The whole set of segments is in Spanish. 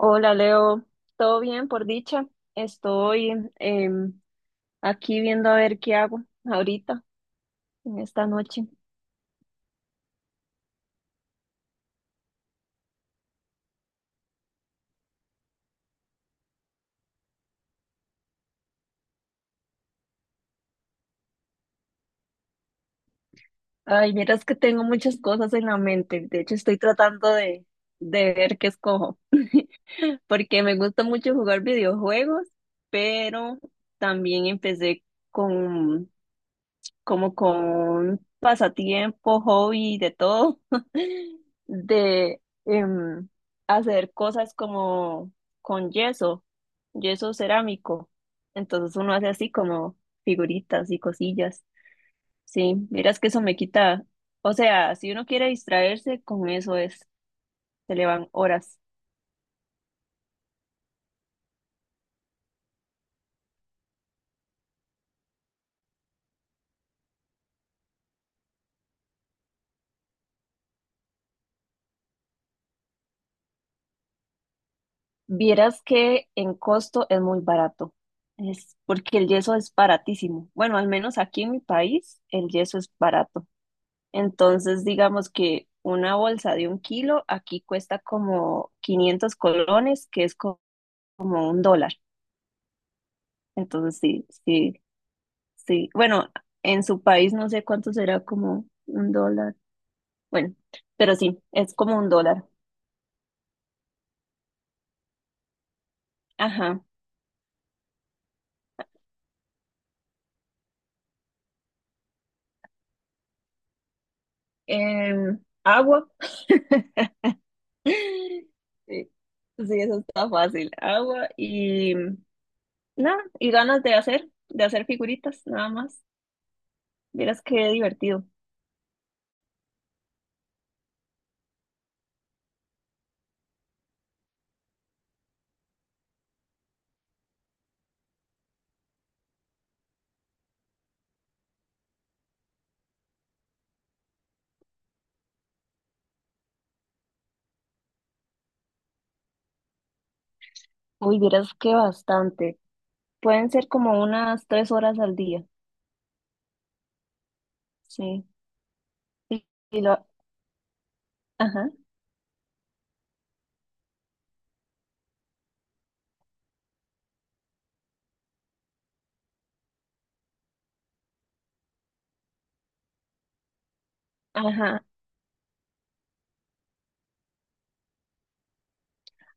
Hola Leo, ¿todo bien por dicha? Estoy em, aquí viendo a ver qué hago ahorita, en esta noche. Ay, miras que tengo muchas cosas en la mente. De hecho, estoy tratando de ver qué escojo, porque me gusta mucho jugar videojuegos, pero también empecé con como con pasatiempo, hobby, de todo, de hacer cosas como con yeso, yeso cerámico. Entonces uno hace así como figuritas y cosillas. Sí, miras que eso me quita, o sea, si uno quiere distraerse, con eso es, se le van horas. Vieras que en costo es muy barato. Es porque el yeso es baratísimo. Bueno, al menos aquí en mi país el yeso es barato. Entonces, digamos que una bolsa de 1 kilo aquí cuesta como 500 colones, que es como $1. Entonces, sí, sí, sí. Bueno, en su país no sé cuánto será como $1. Bueno, pero sí, es como $1. Ajá. Agua. Sí, sí, eso está fácil. Agua y nada, y ganas de hacer figuritas, nada más. Vieras qué divertido. Uy, vieras que bastante. Pueden ser como unas 3 horas al día, sí. Y, y lo, ajá, ajá.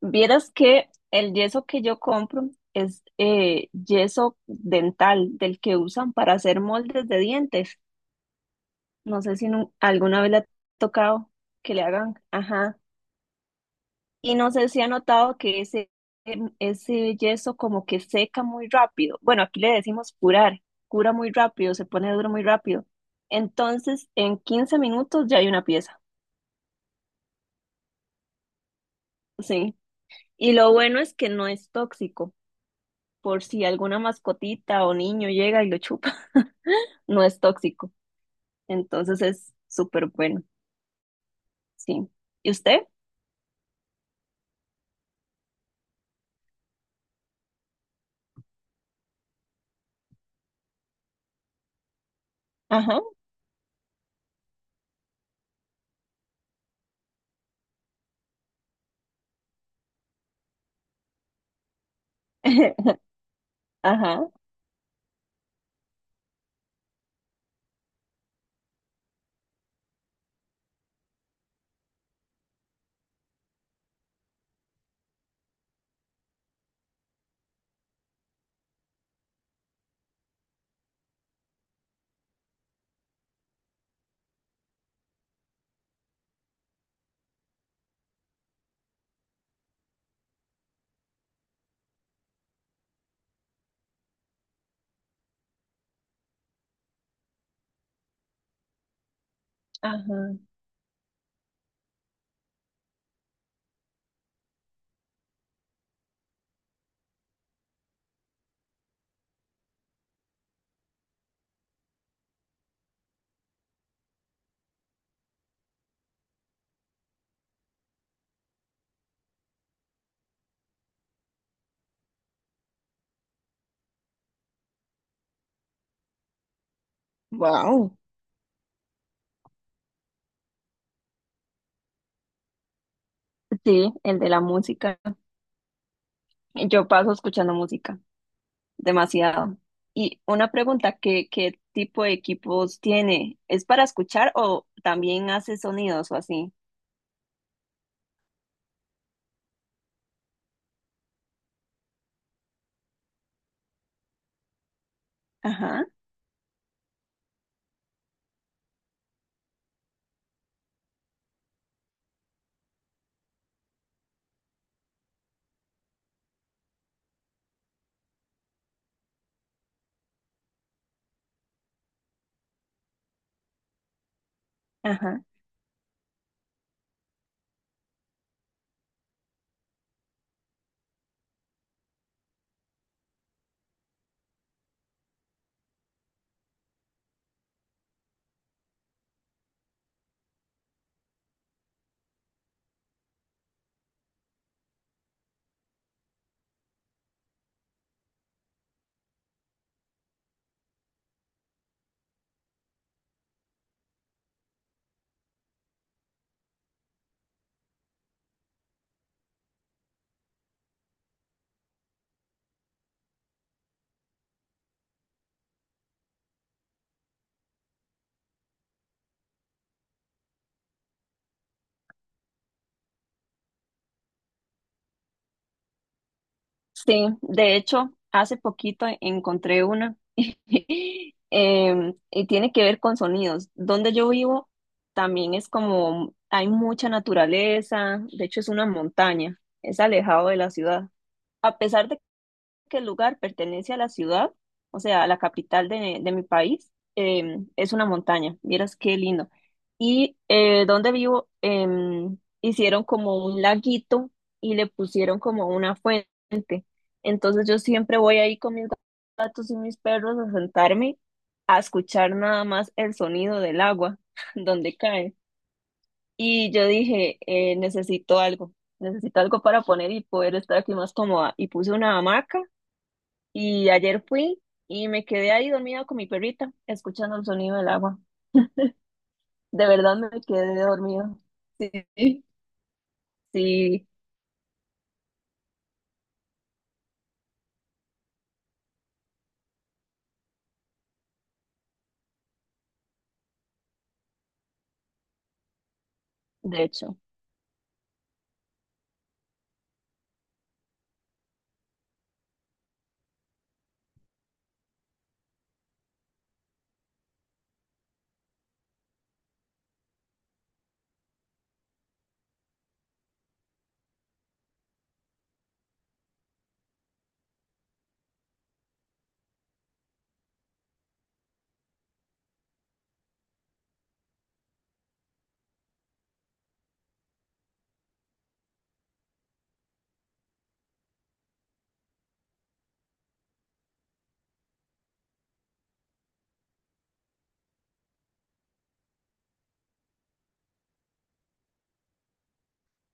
Vieras que el yeso que yo compro es yeso dental, del que usan para hacer moldes de dientes. No sé si alguna vez le ha tocado que le hagan, ajá. Y no sé si ha notado que ese yeso como que seca muy rápido. Bueno, aquí le decimos curar, cura muy rápido, se pone duro muy rápido. Entonces, en 15 minutos ya hay una pieza. Sí. Y lo bueno es que no es tóxico, por si alguna mascotita o niño llega y lo chupa, no es tóxico. Entonces es súper bueno, sí. ¿Y usted? Ajá, ajá, ajá. Wow. Sí, el de la música. Yo paso escuchando música, demasiado. Y una pregunta, ¿qué, qué tipo de equipos tiene? ¿Es para escuchar o también hace sonidos o así? Ajá, ajá. Sí, de hecho, hace poquito encontré una y tiene que ver con sonidos. Donde yo vivo también es como hay mucha naturaleza, de hecho es una montaña, es alejado de la ciudad. A pesar de que el lugar pertenece a la ciudad, o sea, a la capital de mi país, es una montaña. Vieras qué lindo. Y donde vivo, hicieron como un laguito y le pusieron como una fuente. Entonces yo siempre voy ahí con mis gatos y mis perros a sentarme a escuchar nada más el sonido del agua donde cae. Y yo dije, necesito algo, para poner y poder estar aquí más cómoda. Y puse una hamaca y ayer fui y me quedé ahí dormida con mi perrita, escuchando el sonido del agua. De verdad me quedé dormida. Sí, sí, de hecho.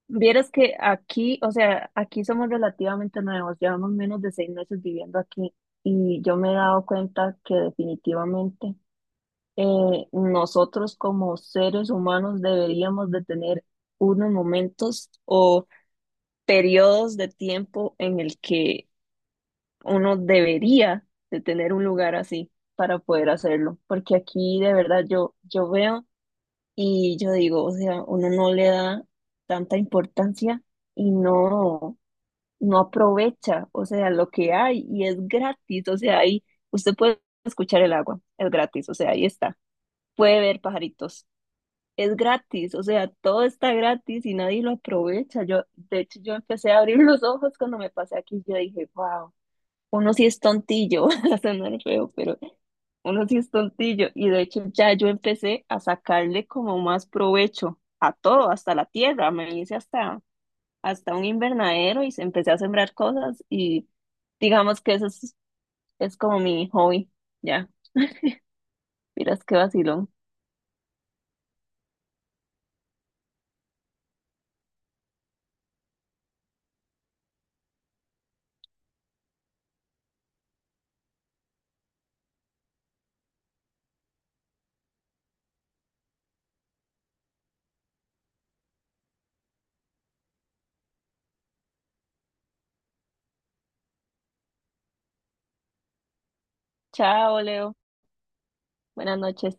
Vieras que aquí, o sea, aquí somos relativamente nuevos, llevamos menos de 6 meses viviendo aquí y yo me he dado cuenta que definitivamente nosotros como seres humanos deberíamos de tener unos momentos o periodos de tiempo en el que uno debería de tener un lugar así para poder hacerlo, porque aquí de verdad yo veo y yo digo, o sea, uno no le da tanta importancia y no, no aprovecha, o sea, lo que hay y es gratis, o sea, ahí usted puede escuchar el agua, es gratis, o sea, ahí está, puede ver pajaritos. Es gratis, o sea, todo está gratis y nadie lo aprovecha. Yo, de hecho, yo empecé a abrir los ojos cuando me pasé aquí. Yo dije, wow, uno sí es tontillo, va a sonar feo, pero uno sí es tontillo. Y de hecho ya yo empecé a sacarle como más provecho a todo, hasta la tierra. Me hice hasta un invernadero y empecé a sembrar cosas y digamos que eso es como mi hobby. Ya, miras qué vacilón. Chao, Leo. Buenas noches.